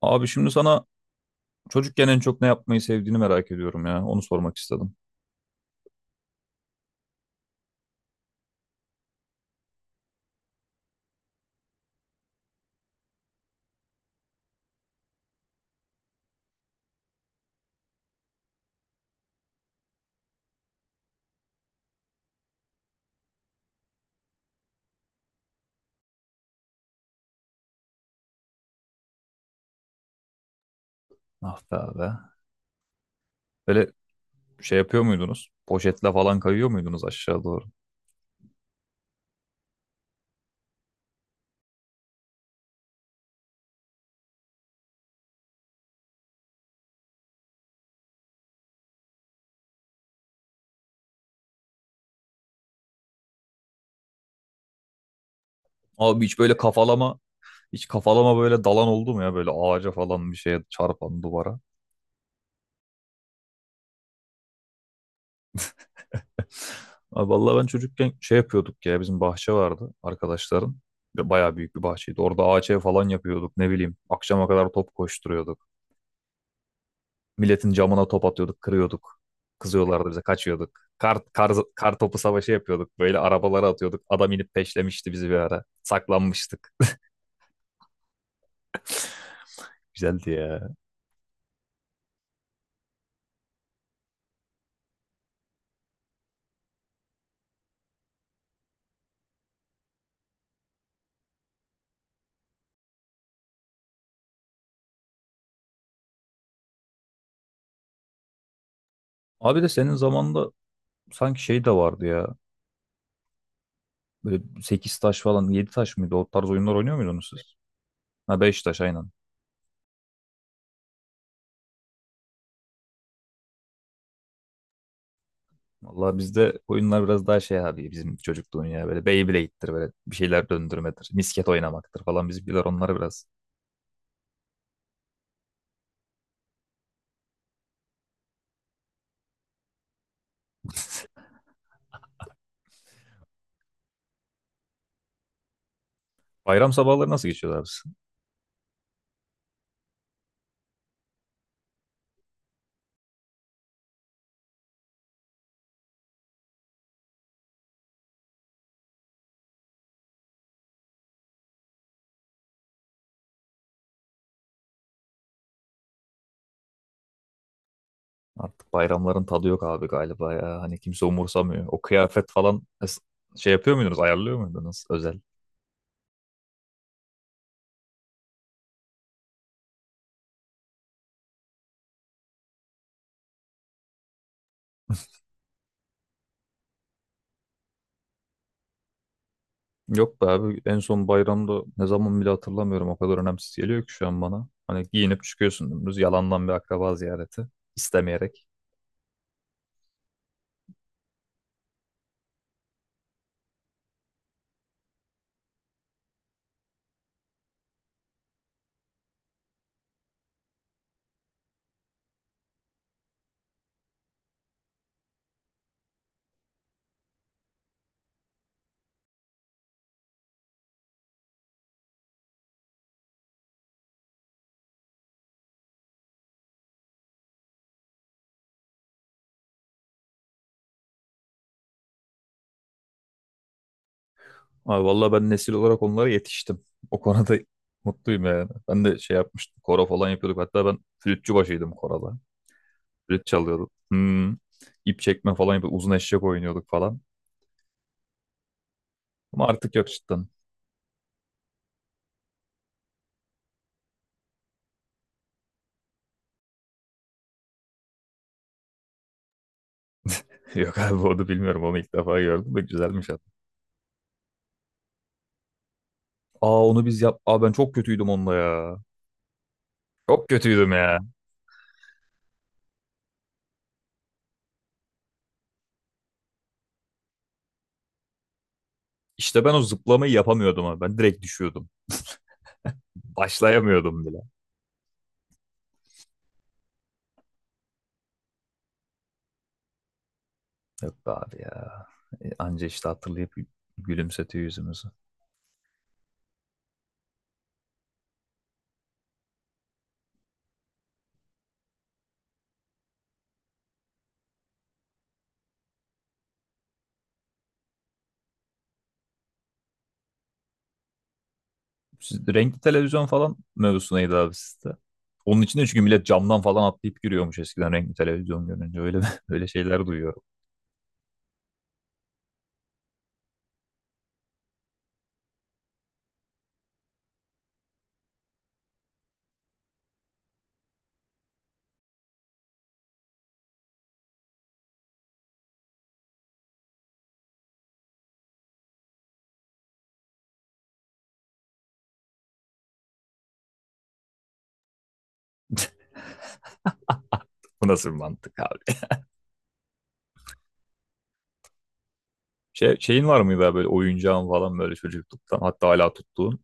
Abi şimdi sana çocukken en çok ne yapmayı sevdiğini merak ediyorum ya. Onu sormak istedim. Ah be abi. Böyle şey yapıyor muydunuz? Poşetle falan kayıyor muydunuz aşağı doğru? Abi hiç böyle kafalama böyle dalan oldu mu ya? Böyle ağaca falan bir şeye çarpan duvara. Abi vallahi ben çocukken şey yapıyorduk ya bizim bahçe vardı arkadaşların. Ve bayağı büyük bir bahçeydi. Orada ağaç ev falan yapıyorduk ne bileyim. Akşama kadar top koşturuyorduk. Milletin camına top atıyorduk, kırıyorduk. Kızıyorlardı bize, kaçıyorduk. Kar topu savaşı yapıyorduk. Böyle arabalara atıyorduk. Adam inip peşlemişti bizi bir ara. Saklanmıştık. Güzeldi ya. Abi de senin zamanında sanki şey de vardı ya. Böyle 8 taş falan 7 taş mıydı? O tarz oyunlar oynuyor muydunuz siz? Ha 5 taş aynen. Vallahi bizde oyunlar biraz daha şey abi bizim çocukluğun ya böyle Beyblade'dir böyle bir şeyler döndürmedir. Misket oynamaktır falan bizimkiler onlara biraz. Bayram sabahları nasıl geçiyorlar biz? Artık bayramların tadı yok abi galiba ya. Hani kimse umursamıyor. O kıyafet falan es- şey yapıyor muydunuz? Ayarlıyor muydunuz özel? Yok be abi en son bayramda ne zaman bile hatırlamıyorum. O kadar önemsiz geliyor ki şu an bana. Hani giyinip çıkıyorsun dümdüz yalandan bir akraba ziyareti istemeyerek. Abi vallahi ben nesil olarak onlara yetiştim. O konuda mutluyum yani. Ben de şey yapmıştım. Koro falan yapıyorduk. Hatta ben flütçü başıydım koroda. Flüt çalıyordum. Hmm. İp çekme falan yapıyorduk. Uzun eşek oynuyorduk falan. Ama artık yok cidden. Yok abi onu bilmiyorum. Onu ilk defa gördüm. De güzelmiş abi. Aa onu biz yap... Aa ben çok kötüydüm onunla ya. Çok kötüydüm ya. İşte ben o zıplamayı yapamıyordum abi. Ben direkt düşüyordum. Başlayamıyordum bile. Yok be abi ya. Anca işte hatırlayıp gülümsetiyor yüzümüzü. Siz- renkli televizyon falan mevzusu neydi abi sizde? Onun için de çünkü millet camdan falan atlayıp giriyormuş eskiden renkli televizyon görünce. Öyle öyle şeyler duyuyorum. Bu nasıl bir mantık abi? Şey, şeyin var mıydı abi böyle oyuncağın falan böyle çocukluktan hatta hala tuttuğun?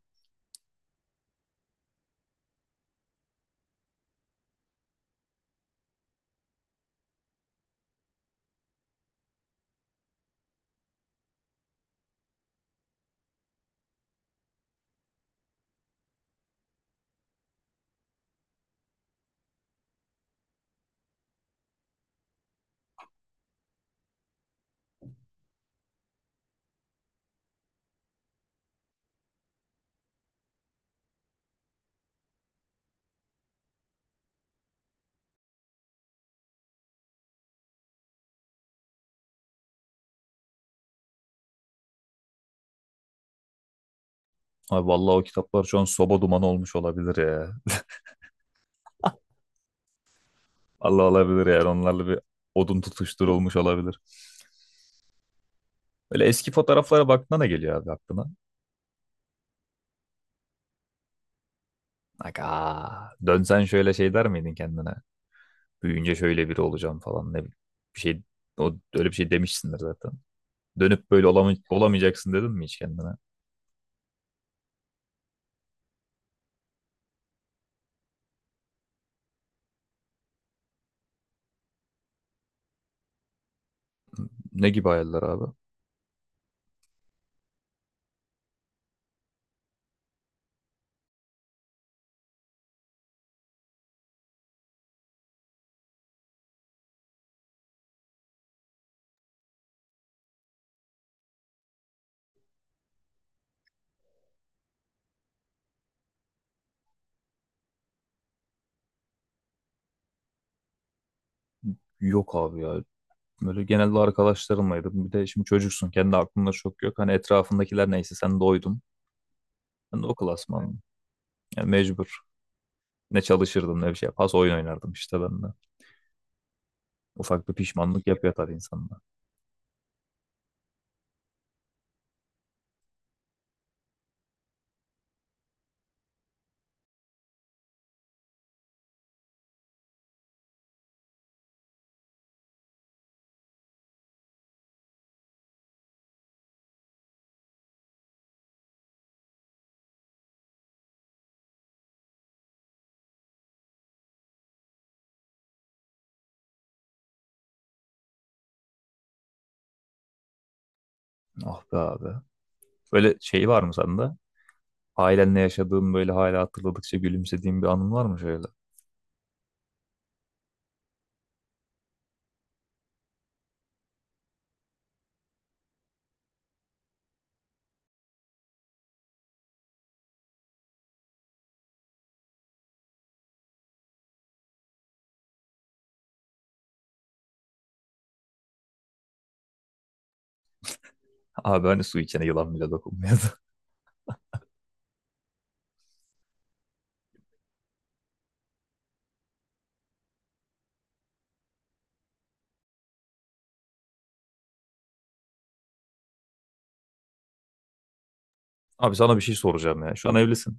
Abi vallahi o kitaplar şu an soba dumanı olmuş olabilir ya. Allah olabilir yani onlarla bir odun tutuşturulmuş olabilir. Böyle eski fotoğraflara baktığında ne geliyor abi aklına? Aga, dönsen şöyle şey der miydin kendine? Büyüyünce şöyle biri olacağım falan ne bileyim. Bir şey o öyle bir şey demişsindir zaten. Dönüp böyle olama- olamayacaksın dedin mi hiç kendine? Ne gibi hayaller abi? Yok abi ya. Böyle genelde arkadaşlarımlaydım. Bir de şimdi çocuksun. Kendi aklında çok yok. Hani etrafındakiler neyse sen de oydun. Ben de o klasmanım. Yani mecbur. Ne çalışırdım ne bir şey. Pas oyun oynardım işte ben de. Ufak bir pişmanlık yapıyor tabii insanda. Ah be abi. Böyle şey var mı sende? Ailenle yaşadığın böyle hala hatırladıkça gülümsediğin bir anın var mı şöyle? Abi hani su içene yılan bile dokunmuyordu. Abi sana bir şey soracağım ya. Şu an evlisin.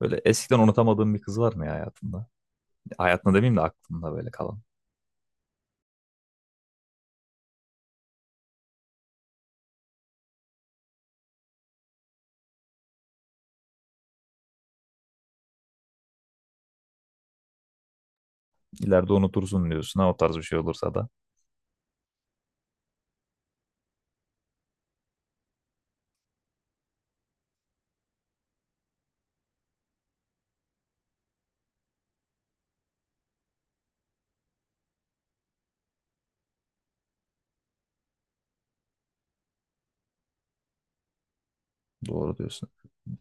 Böyle eskiden unutamadığın bir kız var mı ya hayatında? Hayatında demeyeyim de aklında böyle kalan. İleride unutursun diyorsun ha o tarz bir şey olursa da. Doğru diyorsun.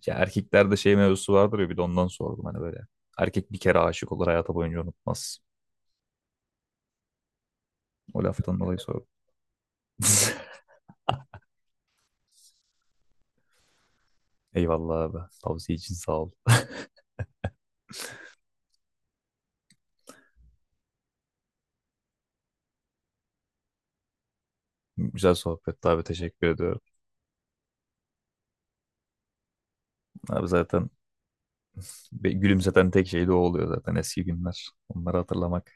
Ya erkeklerde şey mevzusu vardır ya bir de ondan sordum hani böyle. Erkek bir kere aşık olur hayatı boyunca unutmaz. O laftan dolayı sordum. Eyvallah abi. Tavsiye için sağ ol. Güzel sohbetti abi teşekkür ediyorum. Abi zaten be- gülümseten tek şey de o oluyor zaten eski günler. Onları hatırlamak.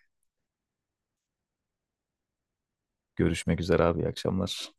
Görüşmek üzere abi. İyi akşamlar.